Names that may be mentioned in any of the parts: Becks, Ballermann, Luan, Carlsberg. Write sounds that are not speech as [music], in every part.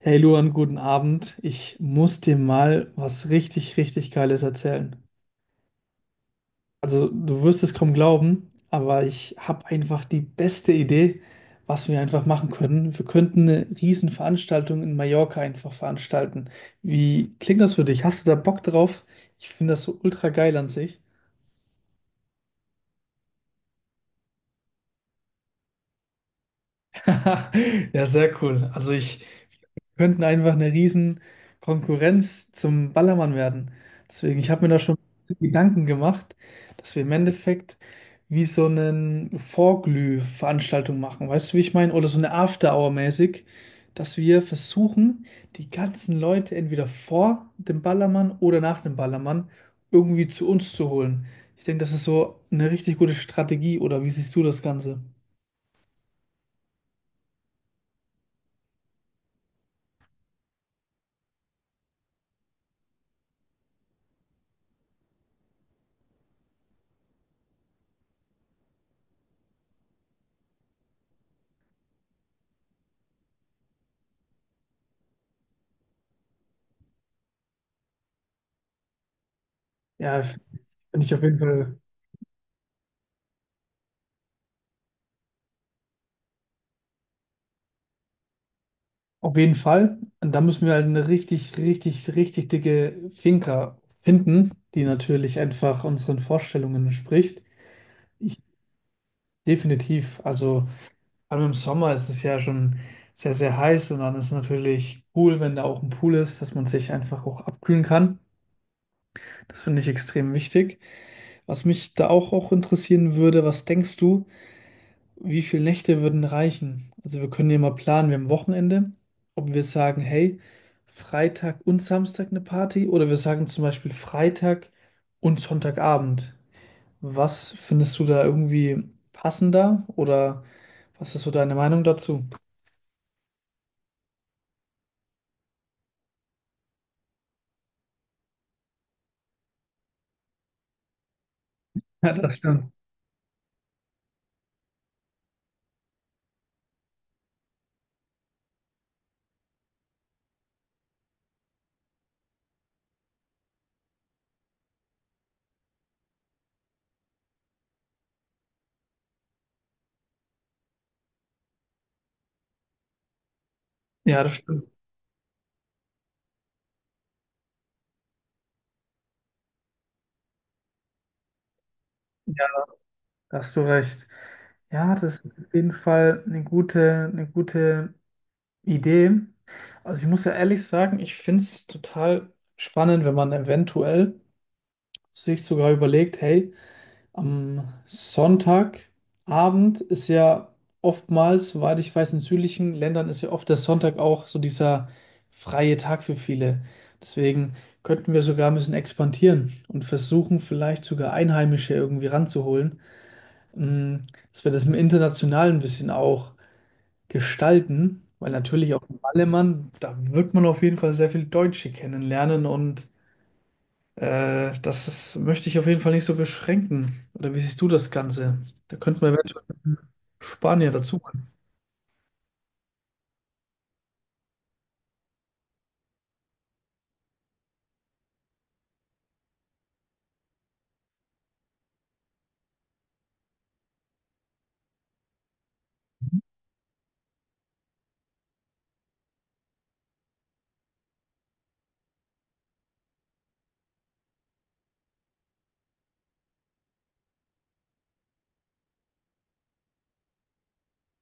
Hey Luan, guten Abend. Ich muss dir mal was richtig, richtig Geiles erzählen. Also, du wirst es kaum glauben, aber ich habe einfach die beste Idee, was wir einfach machen können. Wir könnten eine Riesenveranstaltung in Mallorca einfach veranstalten. Wie klingt das für dich? Hast du da Bock drauf? Ich finde das so ultra geil an sich. [laughs] Ja, sehr cool. Also ich wir könnten einfach eine riesen Konkurrenz zum Ballermann werden. Deswegen, ich habe mir da schon Gedanken gemacht, dass wir im Endeffekt wie so eine Vorglüh-Veranstaltung machen. Weißt du, wie ich meine? Oder so eine After-Hour-mäßig, dass wir versuchen, die ganzen Leute entweder vor dem Ballermann oder nach dem Ballermann irgendwie zu uns zu holen. Ich denke, das ist so eine richtig gute Strategie. Oder wie siehst du das Ganze? Ja, bin ich auf jeden Fall. Auf jeden Fall. Und da müssen wir halt eine richtig, richtig, richtig dicke Finca finden, die natürlich einfach unseren Vorstellungen entspricht. Ich definitiv, also vor allem im Sommer ist es ja schon sehr, sehr heiß und dann ist es natürlich cool, wenn da auch ein Pool ist, dass man sich einfach auch abkühlen kann. Das finde ich extrem wichtig. Was mich da auch interessieren würde, was denkst du? Wie viele Nächte würden reichen? Also wir können ja mal planen, wir haben Wochenende, ob wir sagen, hey, Freitag und Samstag eine Party oder wir sagen zum Beispiel Freitag und Sonntagabend. Was findest du da irgendwie passender oder was ist so deine Meinung dazu? Ja, das stimmt. Ja, das stimmt. Ja, da hast du recht. Ja, das ist auf jeden Fall eine gute Idee. Also ich muss ja ehrlich sagen, ich finde es total spannend, wenn man eventuell sich sogar überlegt, hey, am Sonntagabend ist ja oftmals, soweit ich weiß, in südlichen Ländern ist ja oft der Sonntag auch so dieser freie Tag für viele. Deswegen könnten wir sogar ein bisschen expandieren und versuchen, vielleicht sogar Einheimische irgendwie ranzuholen, dass wir das im Internationalen ein bisschen auch gestalten, weil natürlich auch in Ballermann, da wird man auf jeden Fall sehr viel Deutsche kennenlernen und möchte ich auf jeden Fall nicht so beschränken. Oder wie siehst du das Ganze? Da könnten wir eventuell einen Spanier dazu machen.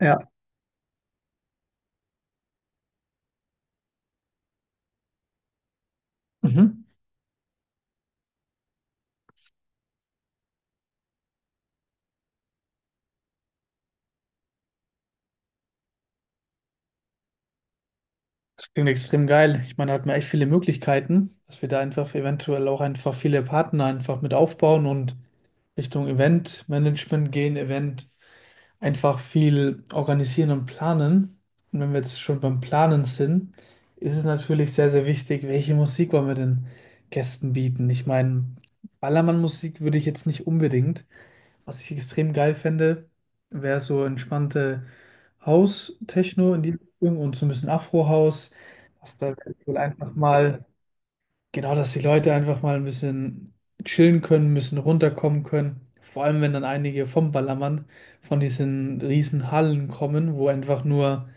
Ja. Mhm. Das klingt extrem geil. Ich meine, da hat man echt viele Möglichkeiten, dass wir da einfach eventuell auch einfach viele Partner einfach mit aufbauen und Richtung Eventmanagement gehen, Event. Einfach viel organisieren und planen. Und wenn wir jetzt schon beim Planen sind, ist es natürlich sehr, sehr wichtig, welche Musik wollen wir den Gästen bieten. Ich meine, Ballermann-Musik würde ich jetzt nicht unbedingt. Was ich extrem geil fände, wäre so entspannte House-Techno in die Richtung und so ein bisschen Afro-House, was da wohl einfach mal. Genau, dass die Leute einfach mal ein bisschen chillen können, ein bisschen runterkommen können. Vor allem, wenn dann einige vom Ballermann von diesen riesen Hallen kommen, wo einfach nur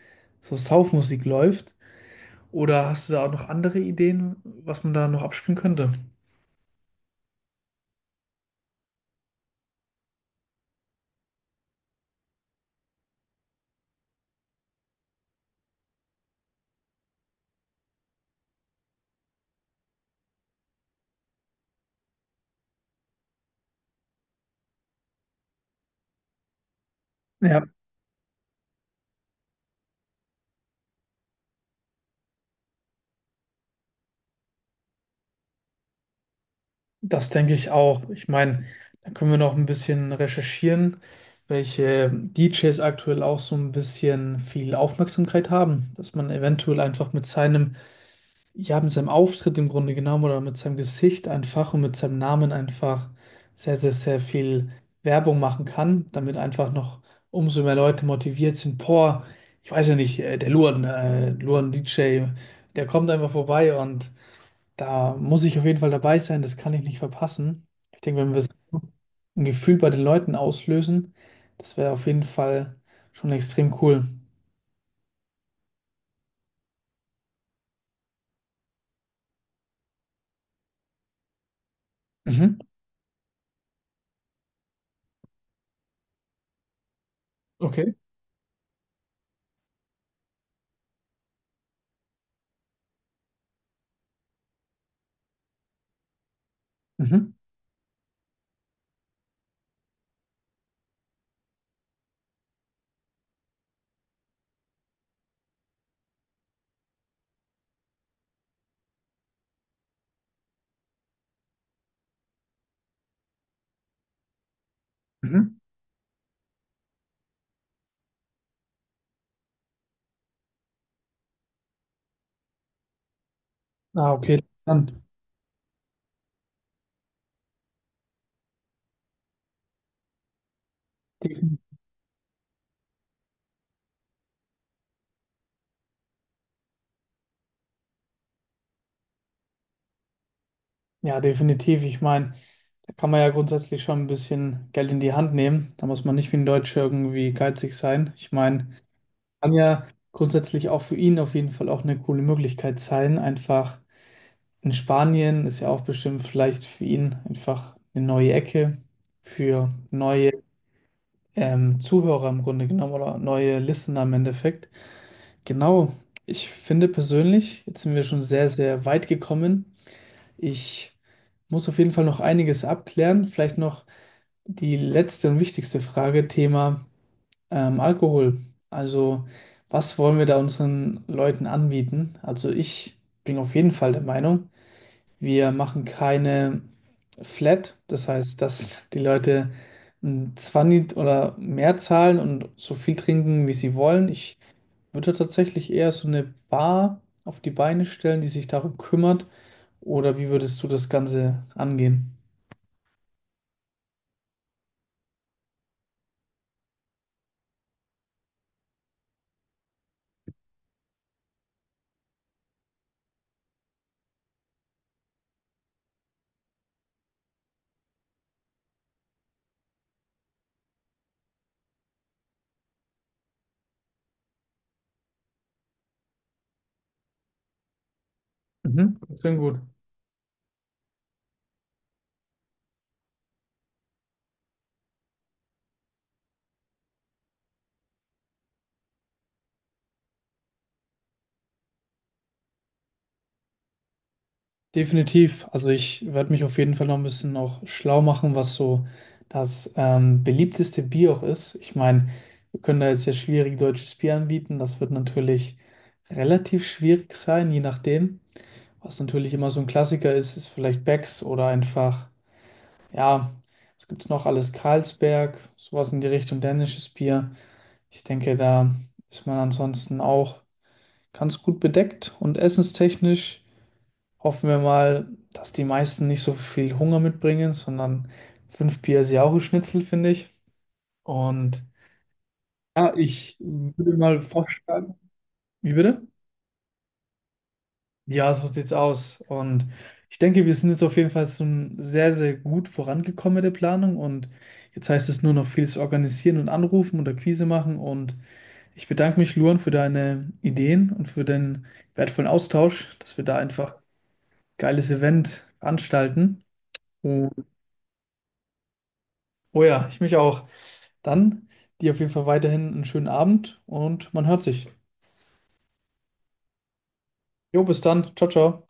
so Saufmusik läuft. Oder hast du da auch noch andere Ideen, was man da noch abspielen könnte? Ja, das denke ich auch. Ich meine, da können wir noch ein bisschen recherchieren, welche DJs aktuell auch so ein bisschen viel Aufmerksamkeit haben, dass man eventuell einfach mit seinem Ja, mit seinem Auftritt im Grunde genommen oder mit seinem Gesicht einfach und mit seinem Namen einfach sehr, sehr, sehr viel Werbung machen kann, damit einfach noch umso mehr Leute motiviert sind. Boah, ich weiß ja nicht, Luan DJ, der kommt einfach vorbei und da muss ich auf jeden Fall dabei sein, das kann ich nicht verpassen. Ich denke, wenn wir so ein Gefühl bei den Leuten auslösen, das wäre auf jeden Fall schon extrem cool. Mhm. Okay. Mhm. Mhm. Ah, okay, interessant. Ja, definitiv. Ich meine, da kann man ja grundsätzlich schon ein bisschen Geld in die Hand nehmen. Da muss man nicht wie ein Deutscher irgendwie geizig sein. Ich meine, kann ja grundsätzlich auch für ihn auf jeden Fall auch eine coole Möglichkeit sein. Einfach in Spanien ist ja auch bestimmt vielleicht für ihn einfach eine neue Ecke für neue Zuhörer im Grunde genommen oder neue Listener im Endeffekt. Genau. Ich finde persönlich, jetzt sind wir schon sehr, sehr weit gekommen. Ich muss auf jeden Fall noch einiges abklären. Vielleicht noch die letzte und wichtigste Frage, Thema Alkohol. Also, was wollen wir da unseren Leuten anbieten? Also, ich bin auf jeden Fall der Meinung, wir machen keine Flat. Das heißt, dass die Leute ein 20 oder mehr zahlen und so viel trinken, wie sie wollen. Ich würde tatsächlich eher so eine Bar auf die Beine stellen, die sich darum kümmert oder wie würdest du das Ganze angehen? Mhm. Klingt gut. Definitiv. Also ich werde mich auf jeden Fall noch ein bisschen noch schlau machen, was so das beliebteste Bier auch ist. Ich meine, wir können da jetzt ja schwierig deutsches Bier anbieten. Das wird natürlich relativ schwierig sein, je nachdem. Was natürlich immer so ein Klassiker ist, ist vielleicht Becks oder einfach, ja, es gibt noch alles Carlsberg, sowas in die Richtung dänisches Bier. Ich denke, da ist man ansonsten auch ganz gut bedeckt und essenstechnisch hoffen wir mal, dass die meisten nicht so viel Hunger mitbringen, sondern fünf Bier ist ja auch ein Schnitzel, finde ich. Und ja, ich würde mal vorschlagen, wie bitte? Ja, so sieht's aus. Und ich denke, wir sind jetzt auf jeden Fall schon sehr, sehr gut vorangekommen mit der Planung. Und jetzt heißt es nur noch vieles organisieren und anrufen oder Quise machen. Und ich bedanke mich, Luan, für deine Ideen und für den wertvollen Austausch, dass wir da einfach geiles Event veranstalten. Und, oh ja, ich mich auch. Dann dir auf jeden Fall weiterhin einen schönen Abend und man hört sich. Jo, bis dann. Ciao, ciao.